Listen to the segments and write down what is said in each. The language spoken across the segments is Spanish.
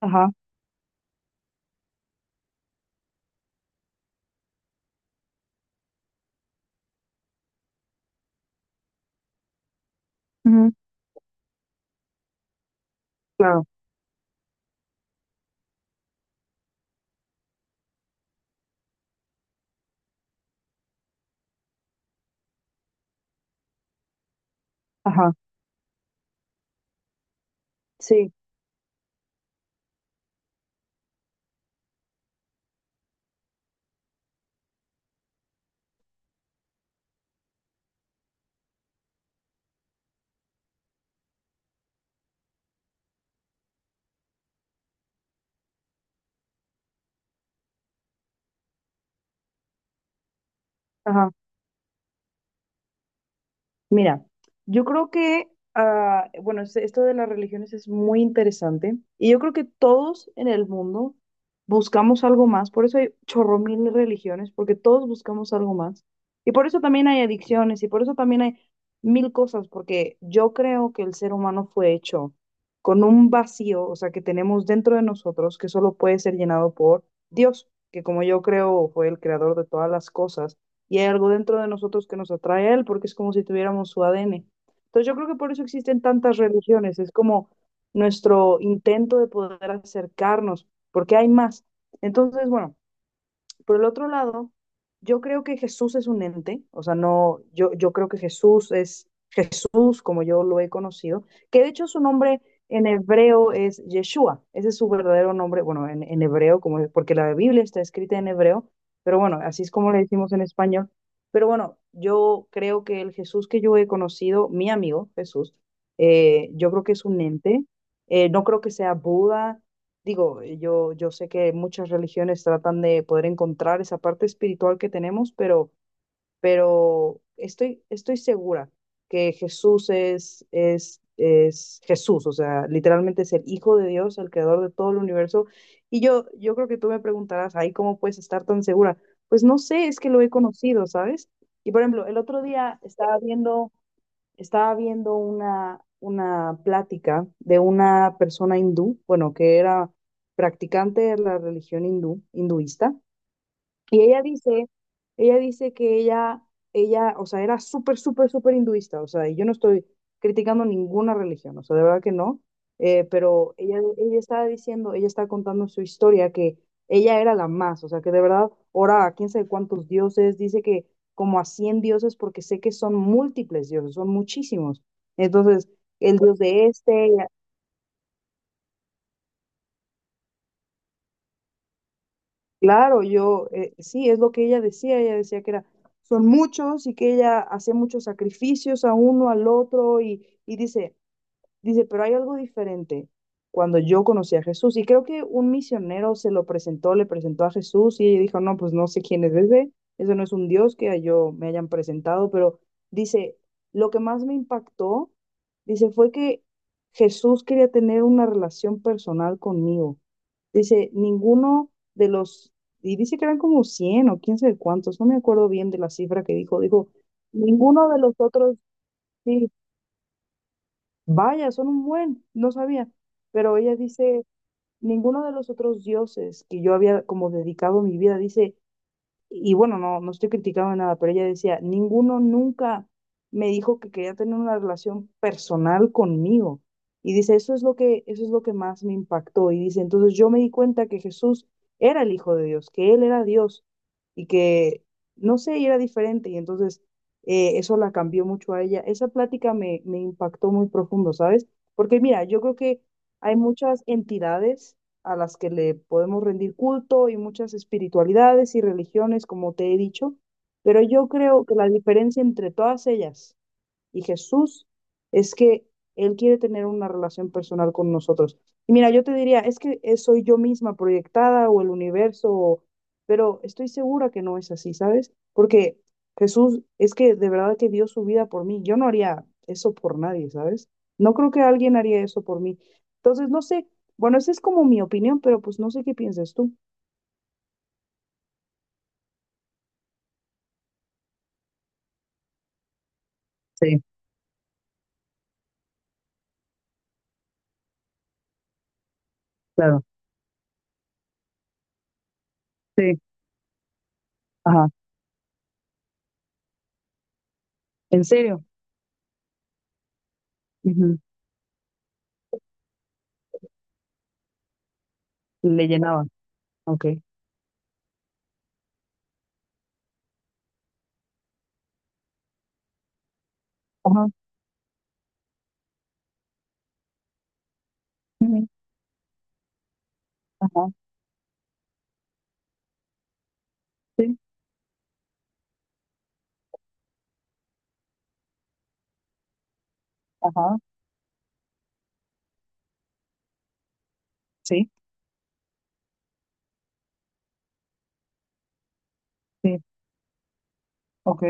Ajá, ujú, claro, ajá, sí, ajá. Mira, yo creo que, bueno, esto de las religiones es muy interesante y yo creo que todos en el mundo buscamos algo más, por eso hay chorro mil de religiones, porque todos buscamos algo más y por eso también hay adicciones y por eso también hay mil cosas, porque yo creo que el ser humano fue hecho con un vacío, o sea, que tenemos dentro de nosotros que solo puede ser llenado por Dios, que como yo creo fue el creador de todas las cosas y hay algo dentro de nosotros que nos atrae a él, porque es como si tuviéramos su ADN. Entonces yo creo que por eso existen tantas religiones, es como nuestro intento de poder acercarnos, porque hay más. Entonces, bueno, por el otro lado, yo creo que Jesús es un ente, o sea, no, yo creo que Jesús es Jesús, como yo lo he conocido, que de hecho su nombre en hebreo es Yeshua, ese es su verdadero nombre, bueno, en hebreo, como, porque la Biblia está escrita en hebreo, pero bueno, así es como le decimos en español. Pero bueno, yo creo que el Jesús que yo he conocido, mi amigo Jesús, yo creo que es un ente, no creo que sea Buda. Digo, yo sé que muchas religiones tratan de poder encontrar esa parte espiritual que tenemos, pero estoy segura que Jesús es Jesús, o sea, literalmente es el Hijo de Dios, el creador de todo el universo. Y yo creo que tú me preguntarás, ¿ahí cómo puedes estar tan segura? Pues no sé, es que lo he conocido, ¿sabes? Y por ejemplo, el otro día estaba viendo... Estaba viendo una plática de una persona hindú, bueno, que era practicante de la religión hindú, hinduista, y ella dice, ella dice que ella, o sea, era súper, súper, súper hinduista, o sea, y yo no estoy criticando ninguna religión, o sea, de verdad que no, ella estaba diciendo, ella estaba contando su historia, que ella era la más, o sea, que de verdad oraba a quién sabe cuántos dioses, dice que como a 100 dioses, porque sé que son múltiples dioses, son muchísimos. Entonces, el dios de este, claro, sí, es lo que ella decía que era, son muchos y que ella hacía muchos sacrificios a uno, al otro, y dice, dice, pero hay algo diferente cuando yo conocí a Jesús. Y creo que un misionero se lo presentó, le presentó a Jesús y ella dijo, no, pues no sé quién es ese, eso no es un Dios que a yo me hayan presentado, pero dice, lo que más me impactó, dice, fue que Jesús quería tener una relación personal conmigo. Dice, ninguno de los, y dice que eran como 100 o quién sabe cuántos, no me acuerdo bien de la cifra que dijo, dijo, ninguno de los otros, sí, vaya, son un buen, no sabía. Pero ella dice, ninguno de los otros dioses que yo había como dedicado mi vida, dice, y bueno, no, no estoy criticando nada, pero ella decía, ninguno nunca me dijo que quería tener una relación personal conmigo. Y dice, eso es lo que más me impactó. Y dice, entonces yo me di cuenta que Jesús era el Hijo de Dios, que Él era Dios y que, no sé, y era diferente. Y entonces eso la cambió mucho a ella. Esa plática me impactó muy profundo, ¿sabes? Porque mira, yo creo que hay muchas entidades a las que le podemos rendir culto y muchas espiritualidades y religiones, como te he dicho, pero yo creo que la diferencia entre todas ellas y Jesús es que Él quiere tener una relación personal con nosotros. Y mira, yo te diría, es que soy yo misma proyectada o el universo, o pero estoy segura que no es así, ¿sabes? Porque Jesús es que de verdad que dio su vida por mí. Yo no haría eso por nadie, ¿sabes? No creo que alguien haría eso por mí. Entonces, no sé, bueno, esa es como mi opinión, pero pues no sé qué piensas tú. Sí, claro, sí, ajá, en serio, ujú, le llenaba, ok, ajá, ujú, ajá, sí. Ajá, sí, sí, ok,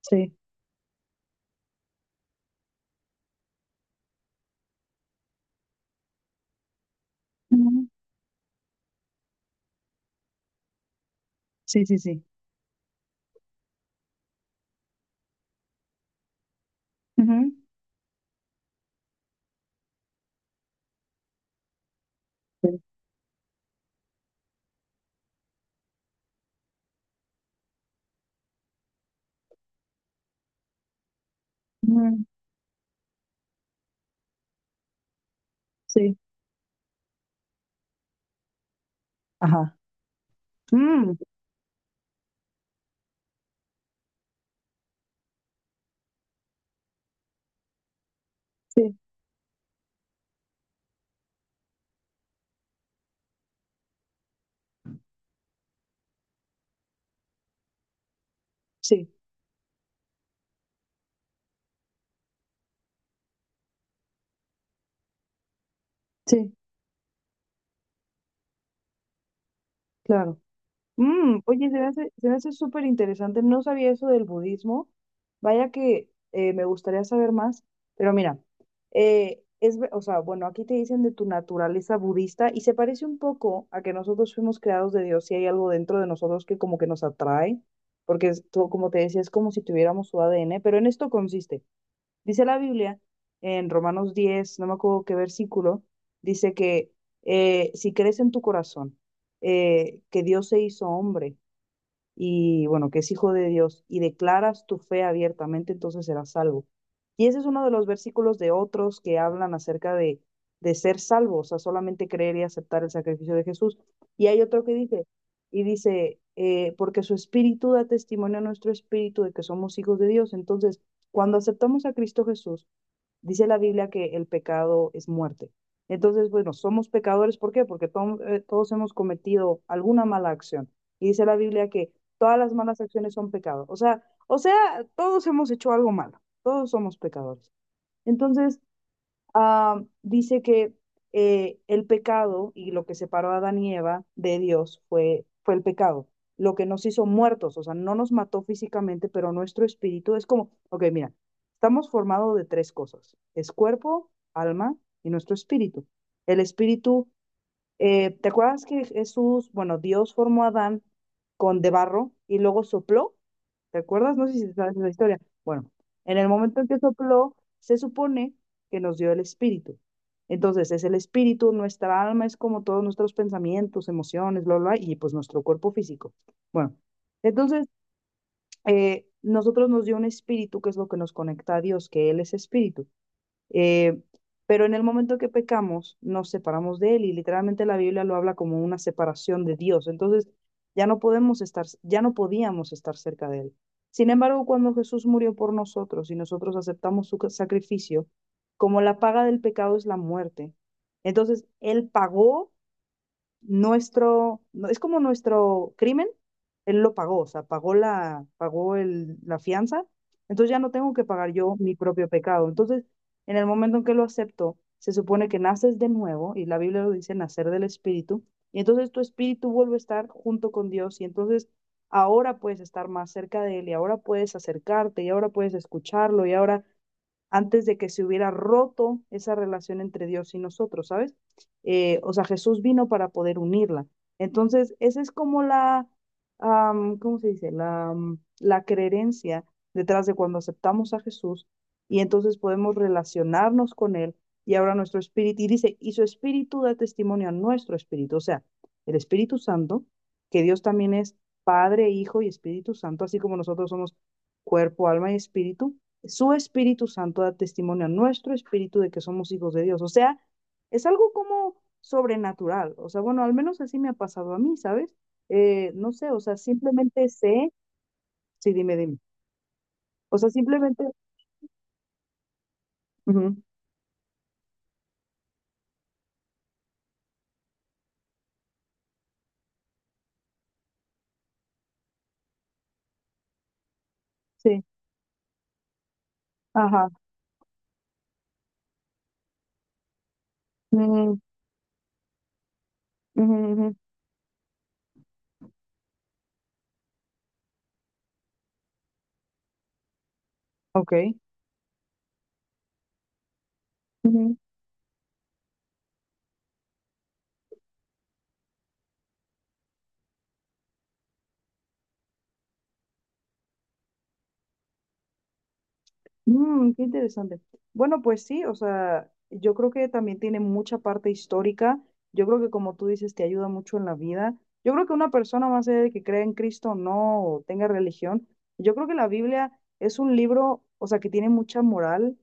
sí, ujú, sí, sí, sí, ujú, sí, ujú, sí, ajá, mm, sí, sí, sí, claro. Mm, oye, se me hace súper interesante. No sabía eso del budismo. Vaya que me gustaría saber más. Pero mira, o sea, bueno, aquí te dicen de tu naturaleza budista y se parece un poco a que nosotros fuimos creados de Dios y hay algo dentro de nosotros que como que nos atrae, porque como te decía, es como si tuviéramos su ADN, pero en esto consiste. Dice la Biblia en Romanos 10 no me acuerdo qué versículo, dice que si crees en tu corazón que Dios se hizo hombre y bueno, que es hijo de Dios, y declaras tu fe abiertamente, entonces serás salvo. Y ese es uno de los versículos de otros que hablan acerca de ser salvo, o sea, solamente creer y aceptar el sacrificio de Jesús. Y hay otro que dice, y dice, porque su espíritu da testimonio a nuestro espíritu de que somos hijos de Dios. Entonces, cuando aceptamos a Cristo Jesús, dice la Biblia que el pecado es muerte. Entonces, bueno, somos pecadores, ¿por qué? Porque todos hemos cometido alguna mala acción. Y dice la Biblia que todas las malas acciones son pecado. O sea, todos hemos hecho algo malo, todos somos pecadores. Entonces, dice que el pecado y lo que separó a Adán y Eva de Dios fue el pecado, lo que nos hizo muertos, o sea, no nos mató físicamente, pero nuestro espíritu es como, ok, mira, estamos formados de tres cosas, es cuerpo, alma y nuestro espíritu. El espíritu ¿te acuerdas que Jesús, bueno, Dios formó a Adán con de barro y luego sopló? ¿Te acuerdas? No sé si sabes la historia. Bueno, en el momento en que sopló, se supone que nos dio el espíritu. Entonces, es el espíritu, nuestra alma es como todos nuestros pensamientos, emociones, bla, bla, bla, y pues nuestro cuerpo físico. Bueno, entonces, nosotros nos dio un espíritu que es lo que nos conecta a Dios, que Él es espíritu. Eh, pero en el momento que pecamos, nos separamos de Él y literalmente la Biblia lo habla como una separación de Dios. Entonces, ya no podíamos estar cerca de Él. Sin embargo, cuando Jesús murió por nosotros y nosotros aceptamos su sacrificio, como la paga del pecado es la muerte, entonces Él pagó nuestro, no- es como nuestro crimen, él lo pagó, o sea, pagó la fianza, entonces ya no tengo que pagar yo mi propio pecado. Entonces, en el momento en que lo acepto, se supone que naces de nuevo, y la Biblia lo dice, nacer del Espíritu, y entonces tu espíritu vuelve a estar junto con Dios, y entonces ahora puedes estar más cerca de Él, y ahora puedes acercarte, y ahora puedes escucharlo, y ahora antes de que se hubiera roto esa relación entre Dios y nosotros, ¿sabes? O sea, Jesús vino para poder unirla. Entonces, esa es como ¿cómo se dice? La creencia detrás de cuando aceptamos a Jesús y entonces podemos relacionarnos con Él y ahora nuestro espíritu, y dice, y su espíritu da testimonio a nuestro espíritu, o sea, el Espíritu Santo, que Dios también es Padre, Hijo y Espíritu Santo, así como nosotros somos cuerpo, alma y espíritu, su Espíritu Santo da testimonio a nuestro espíritu de que somos hijos de Dios. O sea, es algo como sobrenatural. O sea, bueno, al menos así me ha pasado a mí, ¿sabes? No sé, o sea, simplemente sé. Sí, dime, dime. O sea, simplemente. Ujú, sí, ajá. Ujú, ujú, ujú, ok. Mm, qué interesante. Bueno, pues sí, o sea, yo creo que también tiene mucha parte histórica. Yo creo que como tú dices, te ayuda mucho en la vida. Yo creo que una persona más allá de que crea en Cristo o no, o tenga religión, yo creo que la Biblia es un libro, o sea, que tiene mucha moral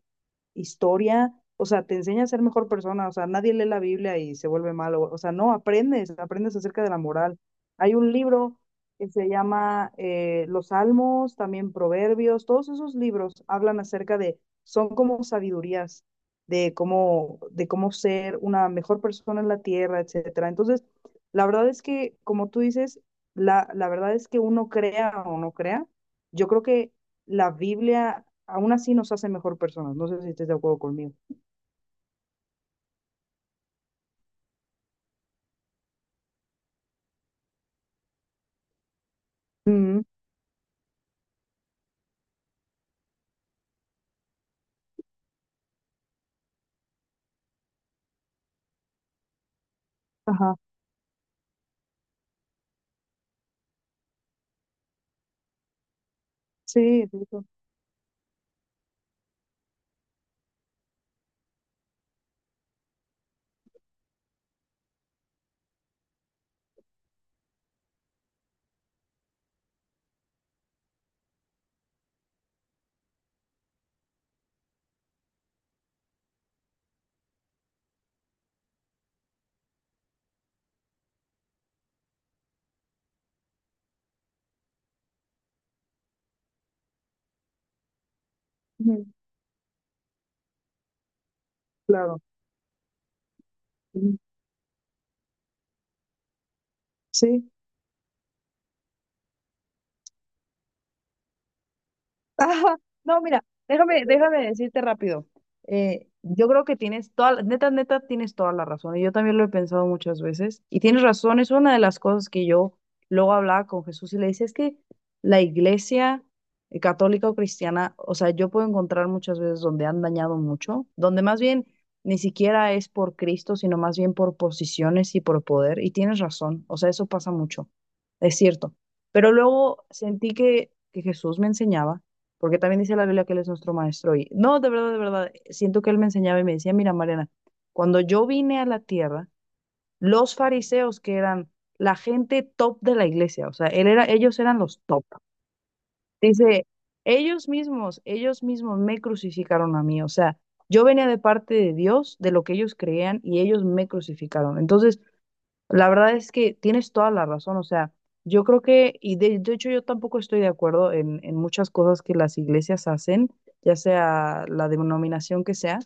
historia, o sea, te enseña a ser mejor persona, o sea, nadie lee la Biblia y se vuelve malo, o sea, no, aprendes, aprendes acerca de la moral. Hay un libro que se llama Los Salmos, también Proverbios, todos esos libros hablan acerca de, son como sabidurías de cómo ser una mejor persona en la tierra, etcétera. Entonces, la verdad es que, como tú dices, la verdad es que uno crea o no crea, yo creo que la Biblia aún así nos hace mejor personas. No sé si estés de acuerdo conmigo. Mm, ajá, sí, es eso. Ujú, claro. Ujú, sí. Ajá. No, mira, déjame decirte rápido. Yo creo que neta, neta, tienes toda la razón. Y yo también lo he pensado muchas veces. Y tienes razón, es una de las cosas que yo luego hablaba con Jesús y le decía, es que la iglesia católica o cristiana, o sea, yo puedo encontrar muchas veces donde han dañado mucho, donde más bien ni siquiera es por Cristo, sino más bien por posiciones y por poder. Y tienes razón, o sea, eso pasa mucho, es cierto. Pero luego sentí que Jesús me enseñaba porque también dice la Biblia que Él es nuestro maestro. Y no, de verdad, siento que Él me enseñaba y me decía, mira, Mariana, cuando yo vine a la tierra, los fariseos que eran la gente top de la iglesia, o sea, él era, ellos eran los top. Dice, ellos mismos me crucificaron a mí, o sea, yo venía de parte de Dios, de lo que ellos creían, y ellos me crucificaron. Entonces, la verdad es que tienes toda la razón, o sea, yo creo que, y de hecho yo tampoco estoy de acuerdo en muchas cosas que las iglesias hacen, ya sea la denominación que sea,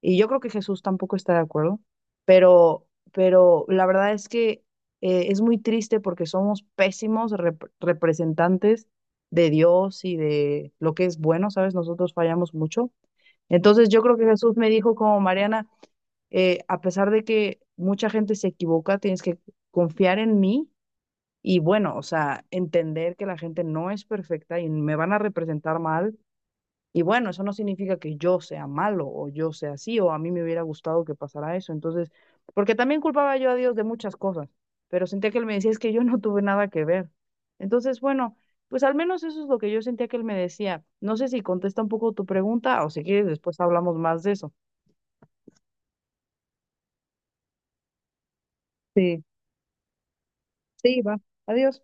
y yo creo que Jesús tampoco está de acuerdo, pero la verdad es que es muy triste porque somos pésimos representantes de Dios y de lo que es bueno, ¿sabes? Nosotros fallamos mucho. Entonces yo creo que Jesús me dijo como Mariana a pesar de que mucha gente se equivoca, tienes que confiar en mí y bueno, o sea, entender que la gente no es perfecta y me van a representar mal. Y bueno, eso no significa que yo sea malo o yo sea así o a mí me hubiera gustado que pasara eso. Entonces, porque también culpaba yo a Dios de muchas cosas, pero sentía que él me decía, es que yo no tuve nada que ver. Entonces, bueno, pues al menos eso es lo que yo sentía que él me decía. No sé si contesta un poco tu pregunta o si quieres después hablamos más de eso. Sí, sí, va. Adiós.